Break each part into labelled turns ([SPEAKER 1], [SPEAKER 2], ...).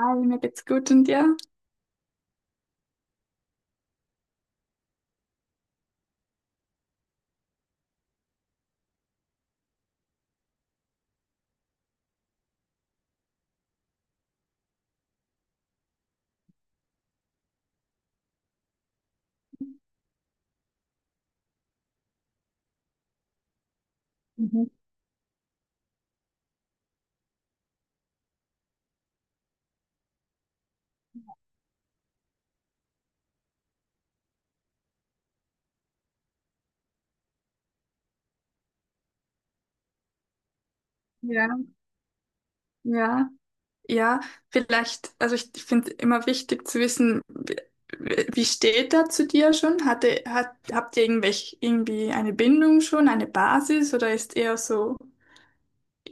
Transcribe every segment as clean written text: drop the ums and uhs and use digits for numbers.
[SPEAKER 1] Hi, mir geht's gut und dir? Mhm. Ja, ja, ja. Vielleicht, also ich finde immer wichtig zu wissen, wie steht er zu dir schon? Habt ihr irgendwelche, irgendwie eine Bindung schon, eine Basis oder ist eher so,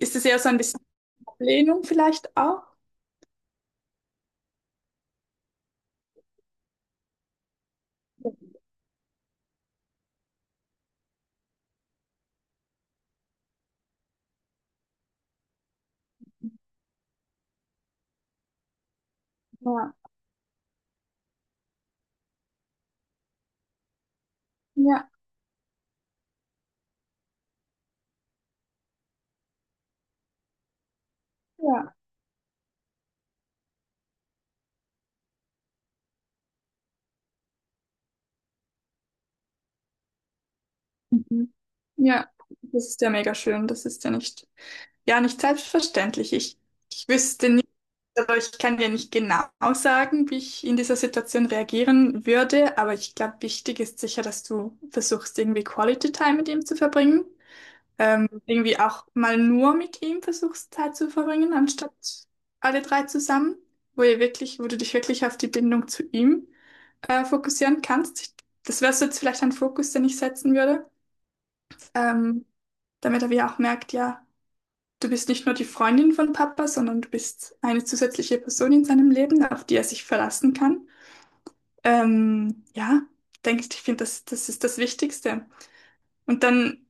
[SPEAKER 1] ist es eher so ein bisschen Ablehnung vielleicht auch? Ja, ja, ja. Mhm. Ja, das ist ja mega schön. Das ist ja, nicht selbstverständlich. Ich wüsste. Aber ich kann dir nicht genau sagen, wie ich in dieser Situation reagieren würde, aber ich glaube, wichtig ist sicher, dass du versuchst, irgendwie Quality Time mit ihm zu verbringen. Irgendwie auch mal nur mit ihm versuchst, Zeit zu verbringen, anstatt alle drei zusammen, wo ihr wirklich, wo du dich wirklich auf die Bindung zu ihm fokussieren kannst. Das wäre so jetzt vielleicht ein Fokus, den ich setzen würde, ähm, damit er wie auch merkt, ja. Du bist nicht nur die Freundin von Papa, sondern du bist eine zusätzliche Person in seinem Leben, auf die er sich verlassen kann. Ja, denke ich, ich finde, das ist das Wichtigste. Und dann,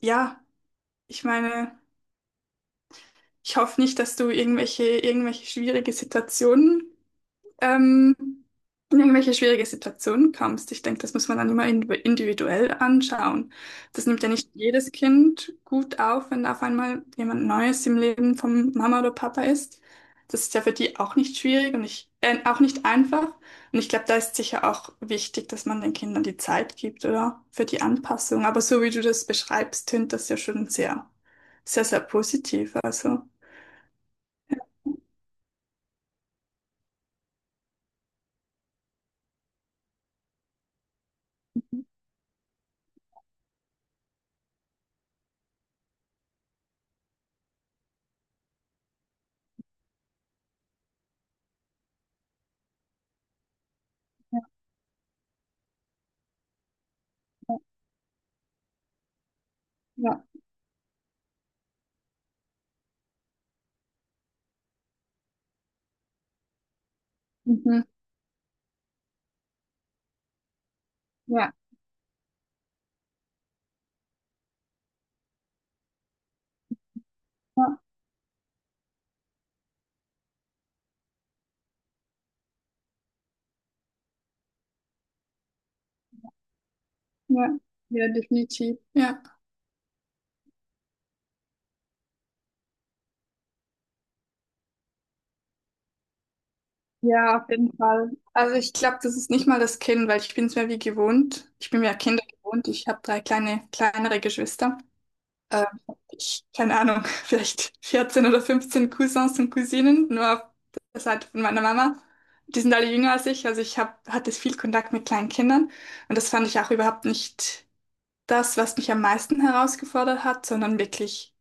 [SPEAKER 1] ja, ich meine, ich hoffe nicht, dass du irgendwelche schwierige Situationen ähm, in irgendwelche schwierige Situationen kommst. Ich denke, das muss man dann immer individuell anschauen. Das nimmt ja nicht jedes Kind gut auf, wenn auf einmal jemand Neues im Leben von Mama oder Papa ist. Das ist ja für die auch nicht schwierig und ich, auch nicht einfach. Und ich glaube, da ist sicher auch wichtig, dass man den Kindern die Zeit gibt, oder? Für die Anpassung. Aber so wie du das beschreibst, tönt das ja schon sehr, sehr, sehr positiv. Also. Ja, mhm. Ja, ja, ja, ja, definitiv. Ja. Ja, auf jeden Fall. Also ich glaube, das ist nicht mal das Kind, weil ich bin es mir wie gewohnt. Ich bin mir Kinder gewohnt. Ich habe drei kleine, kleinere Geschwister. Ähm, ich, keine Ahnung, vielleicht 14 oder 15 Cousins und Cousinen, nur auf der Seite von meiner Mama. Die sind alle jünger als ich. Also hatte viel Kontakt mit kleinen Kindern. Und das fand ich auch überhaupt nicht das, was mich am meisten herausgefordert hat, sondern wirklich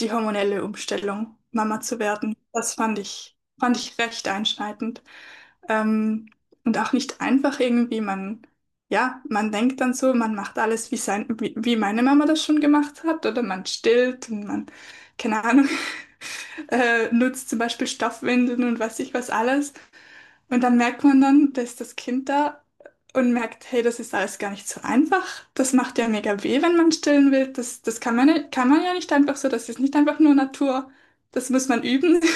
[SPEAKER 1] die hormonelle Umstellung, Mama zu werden. Das fand ich recht einschneidend. Ähm, und auch nicht einfach irgendwie, man, ja, man denkt dann so, man macht alles, wie meine Mama das schon gemacht hat, oder man stillt und man, keine Ahnung, nutzt zum Beispiel Stoffwindeln und weiß ich was alles. Und dann merkt man dann, da ist das Kind da und merkt, hey, das ist alles gar nicht so einfach. Das macht ja mega weh, wenn man stillen will. Das kann man ja nicht einfach so, das ist nicht einfach nur Natur. Das muss man üben.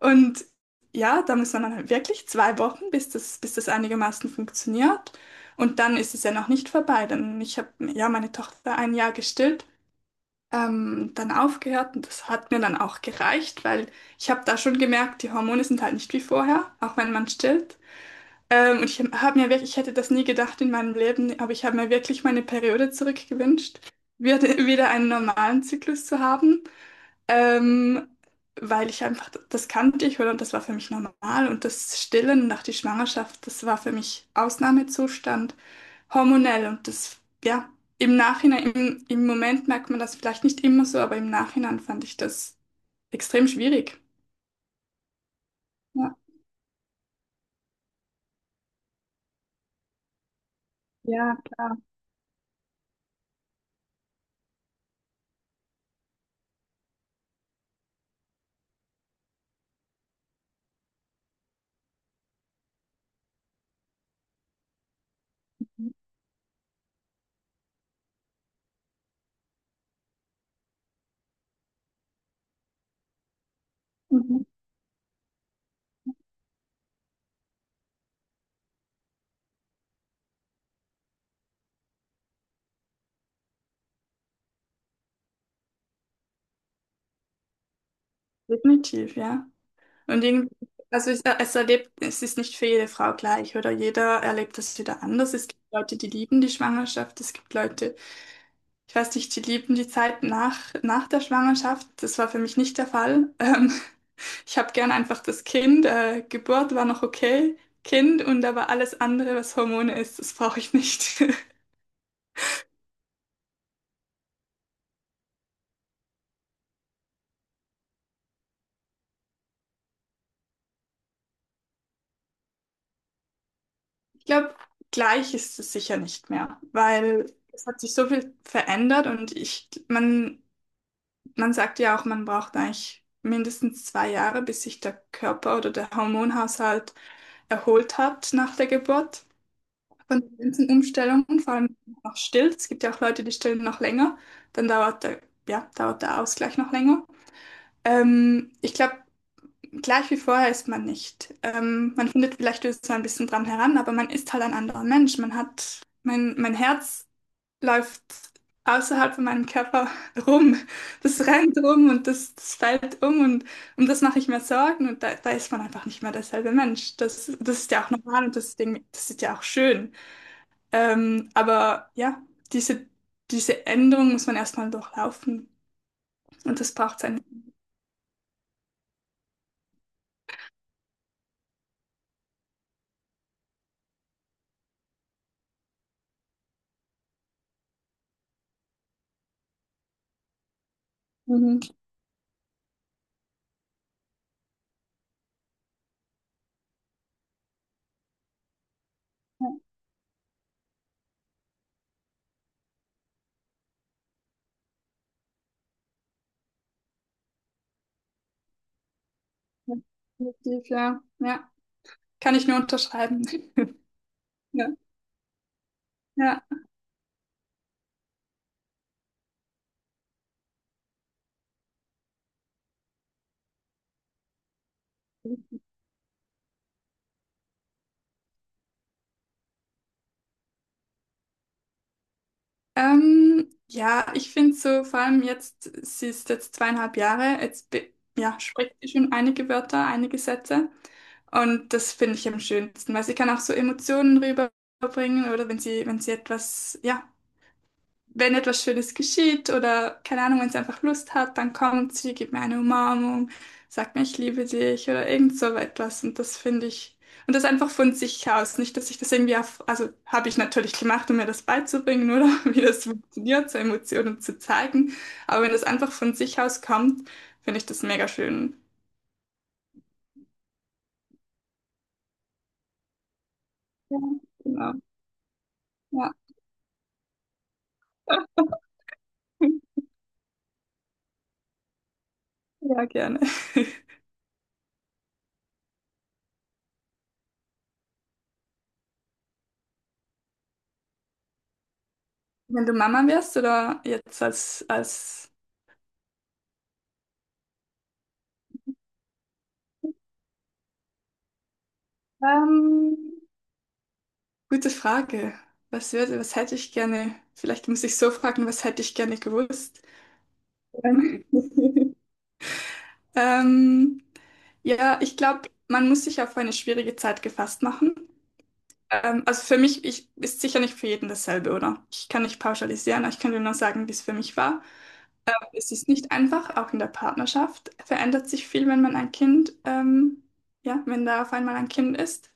[SPEAKER 1] Und ja, da muss man dann halt wirklich 2 Wochen, bis das einigermaßen funktioniert. Und dann ist es ja noch nicht vorbei. Dann, ich habe ja meine Tochter ein Jahr gestillt, dann aufgehört und das hat mir dann auch gereicht, weil ich habe da schon gemerkt, die Hormone sind halt nicht wie vorher, auch wenn man stillt. Und ich habe mir wirklich, ich hätte das nie gedacht in meinem Leben, aber ich habe mir wirklich meine Periode zurückgewünscht, wieder einen normalen Zyklus zu haben. Ähm, weil ich einfach, das kannte ich oder? Und das war für mich normal. Und das Stillen nach der Schwangerschaft, das war für mich Ausnahmezustand, hormonell. Und das, ja, im Moment merkt man das vielleicht nicht immer so, aber im Nachhinein fand ich das extrem schwierig. Ja, ja, klar. Mhm. Definitiv, ja. Und irgendwie, also es erlebt, es ist nicht für jede Frau gleich oder jeder erlebt das wieder anders. Es gibt Leute, die lieben die Schwangerschaft, es gibt Leute, ich weiß nicht, die lieben die Zeit nach der Schwangerschaft. Das war für mich nicht der Fall. Ich habe gern einfach das Kind. Geburt war noch okay. Kind und aber alles andere, was Hormone ist, das brauche ich nicht. Ich glaube, gleich ist es sicher nicht mehr, weil es hat sich so viel verändert und ich, man sagt ja auch, man braucht eigentlich mindestens 2 Jahre, bis sich der Körper oder der Hormonhaushalt erholt hat nach der Geburt. Von den ganzen Umstellungen, vor allem noch still. Es gibt ja auch Leute, die stillen noch länger. Dann dauert der, ja, dauert der Ausgleich noch länger. Ich glaube, gleich wie vorher ist man nicht. Man findet vielleicht so ein bisschen dran heran, aber man ist halt ein anderer Mensch. Man hat, mein Herz läuft außerhalb von meinem Körper rum. Das rennt rum und das fällt um und um das mache ich mir Sorgen und da, da ist man einfach nicht mehr derselbe Mensch. Das ist ja auch normal und das Ding, das ist ja auch schön. Aber ja, diese, diese Änderung muss man erstmal durchlaufen. Und das braucht seine. Mhm. Ja, ja, definitiv, ja. Ja, kann ich nur unterschreiben. Ja. Ja. Ja, ich finde so, vor allem jetzt, sie ist jetzt 2,5 Jahre, jetzt ja, spricht sie schon einige Wörter, einige Sätze. Und das finde ich am schönsten, weil sie kann auch so Emotionen rüberbringen oder wenn sie etwas, ja, wenn etwas Schönes geschieht oder keine Ahnung, wenn sie einfach Lust hat, dann kommt sie, gibt mir eine Umarmung, sagt mir, ich liebe dich oder irgend so etwas. Und das finde ich, und das einfach von sich aus. Nicht, dass ich das irgendwie auf, also habe ich natürlich gemacht, um mir das beizubringen oder wie das funktioniert, so Emotionen zu zeigen. Aber wenn das einfach von sich aus kommt, finde ich das mega schön. Ja, genau. Ja, ja, gerne. Wenn du Mama wärst oder jetzt als, ähm, gute Frage. Was würde, was hätte ich gerne? Vielleicht muss ich so fragen, was hätte ich gerne gewusst? Ähm, ähm, ja, ich glaube, man muss sich auf eine schwierige Zeit gefasst machen. Also für mich ich, ist sicher nicht für jeden dasselbe, oder? Ich kann nicht pauschalisieren, aber ich kann dir nur sagen, wie es für mich war. Es ist nicht einfach, auch in der Partnerschaft verändert sich viel, wenn man ein Kind, ja, wenn da auf einmal ein Kind ist.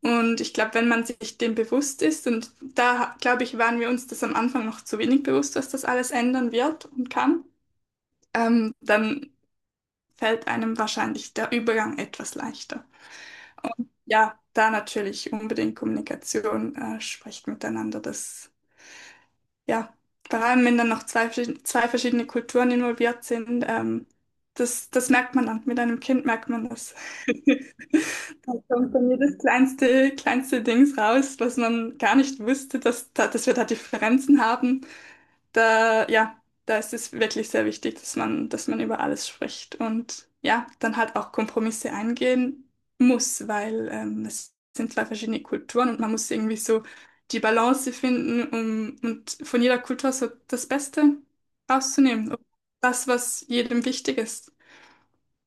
[SPEAKER 1] Und ich glaube, wenn man sich dem bewusst ist, und da, glaube ich, waren wir uns das am Anfang noch zu wenig bewusst, dass das alles ändern wird und kann, dann fällt einem wahrscheinlich der Übergang etwas leichter. Ja, da natürlich unbedingt Kommunikation, sprecht miteinander, das ja, vor allem wenn dann noch zwei verschiedene Kulturen involviert sind, das merkt man dann. Mit einem Kind merkt man das. Da kommt dann jedes kleinste Dings raus, was man gar nicht wusste, dass, da, dass wir da Differenzen haben da, ja, da ist es wirklich sehr wichtig, dass man über alles spricht und ja, dann halt auch Kompromisse eingehen muss, weil es sind zwei verschiedene Kulturen und man muss irgendwie so die Balance finden, um und von jeder Kultur so das Beste rauszunehmen. Das, was jedem wichtig ist.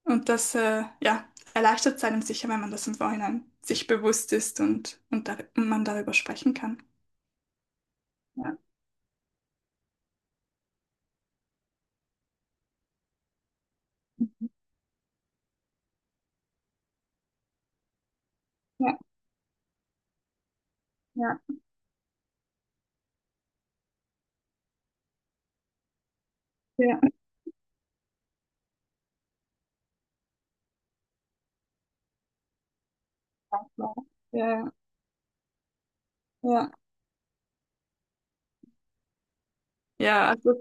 [SPEAKER 1] Und das, ja, erleichtert es einem sicher, wenn man das im Vorhinein sich bewusst ist und, dar und man darüber sprechen kann. Ja, ja, ja, ja, ja, ja, ja. Ja, also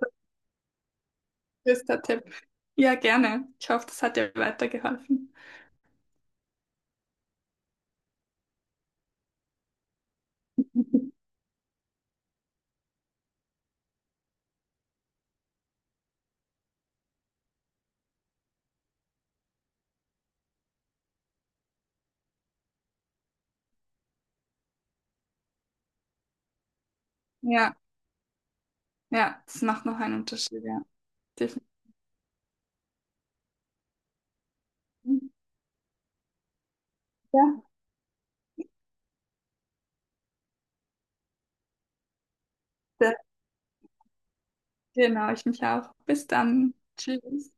[SPEAKER 1] das ist der Tipp. Ja, gerne. Ich hoffe, das hat dir weitergeholfen. Ja, ja, das macht noch einen Unterschied, ja. Definitiv. Ja, das, genau, ich mich auch. Bis dann. Tschüss.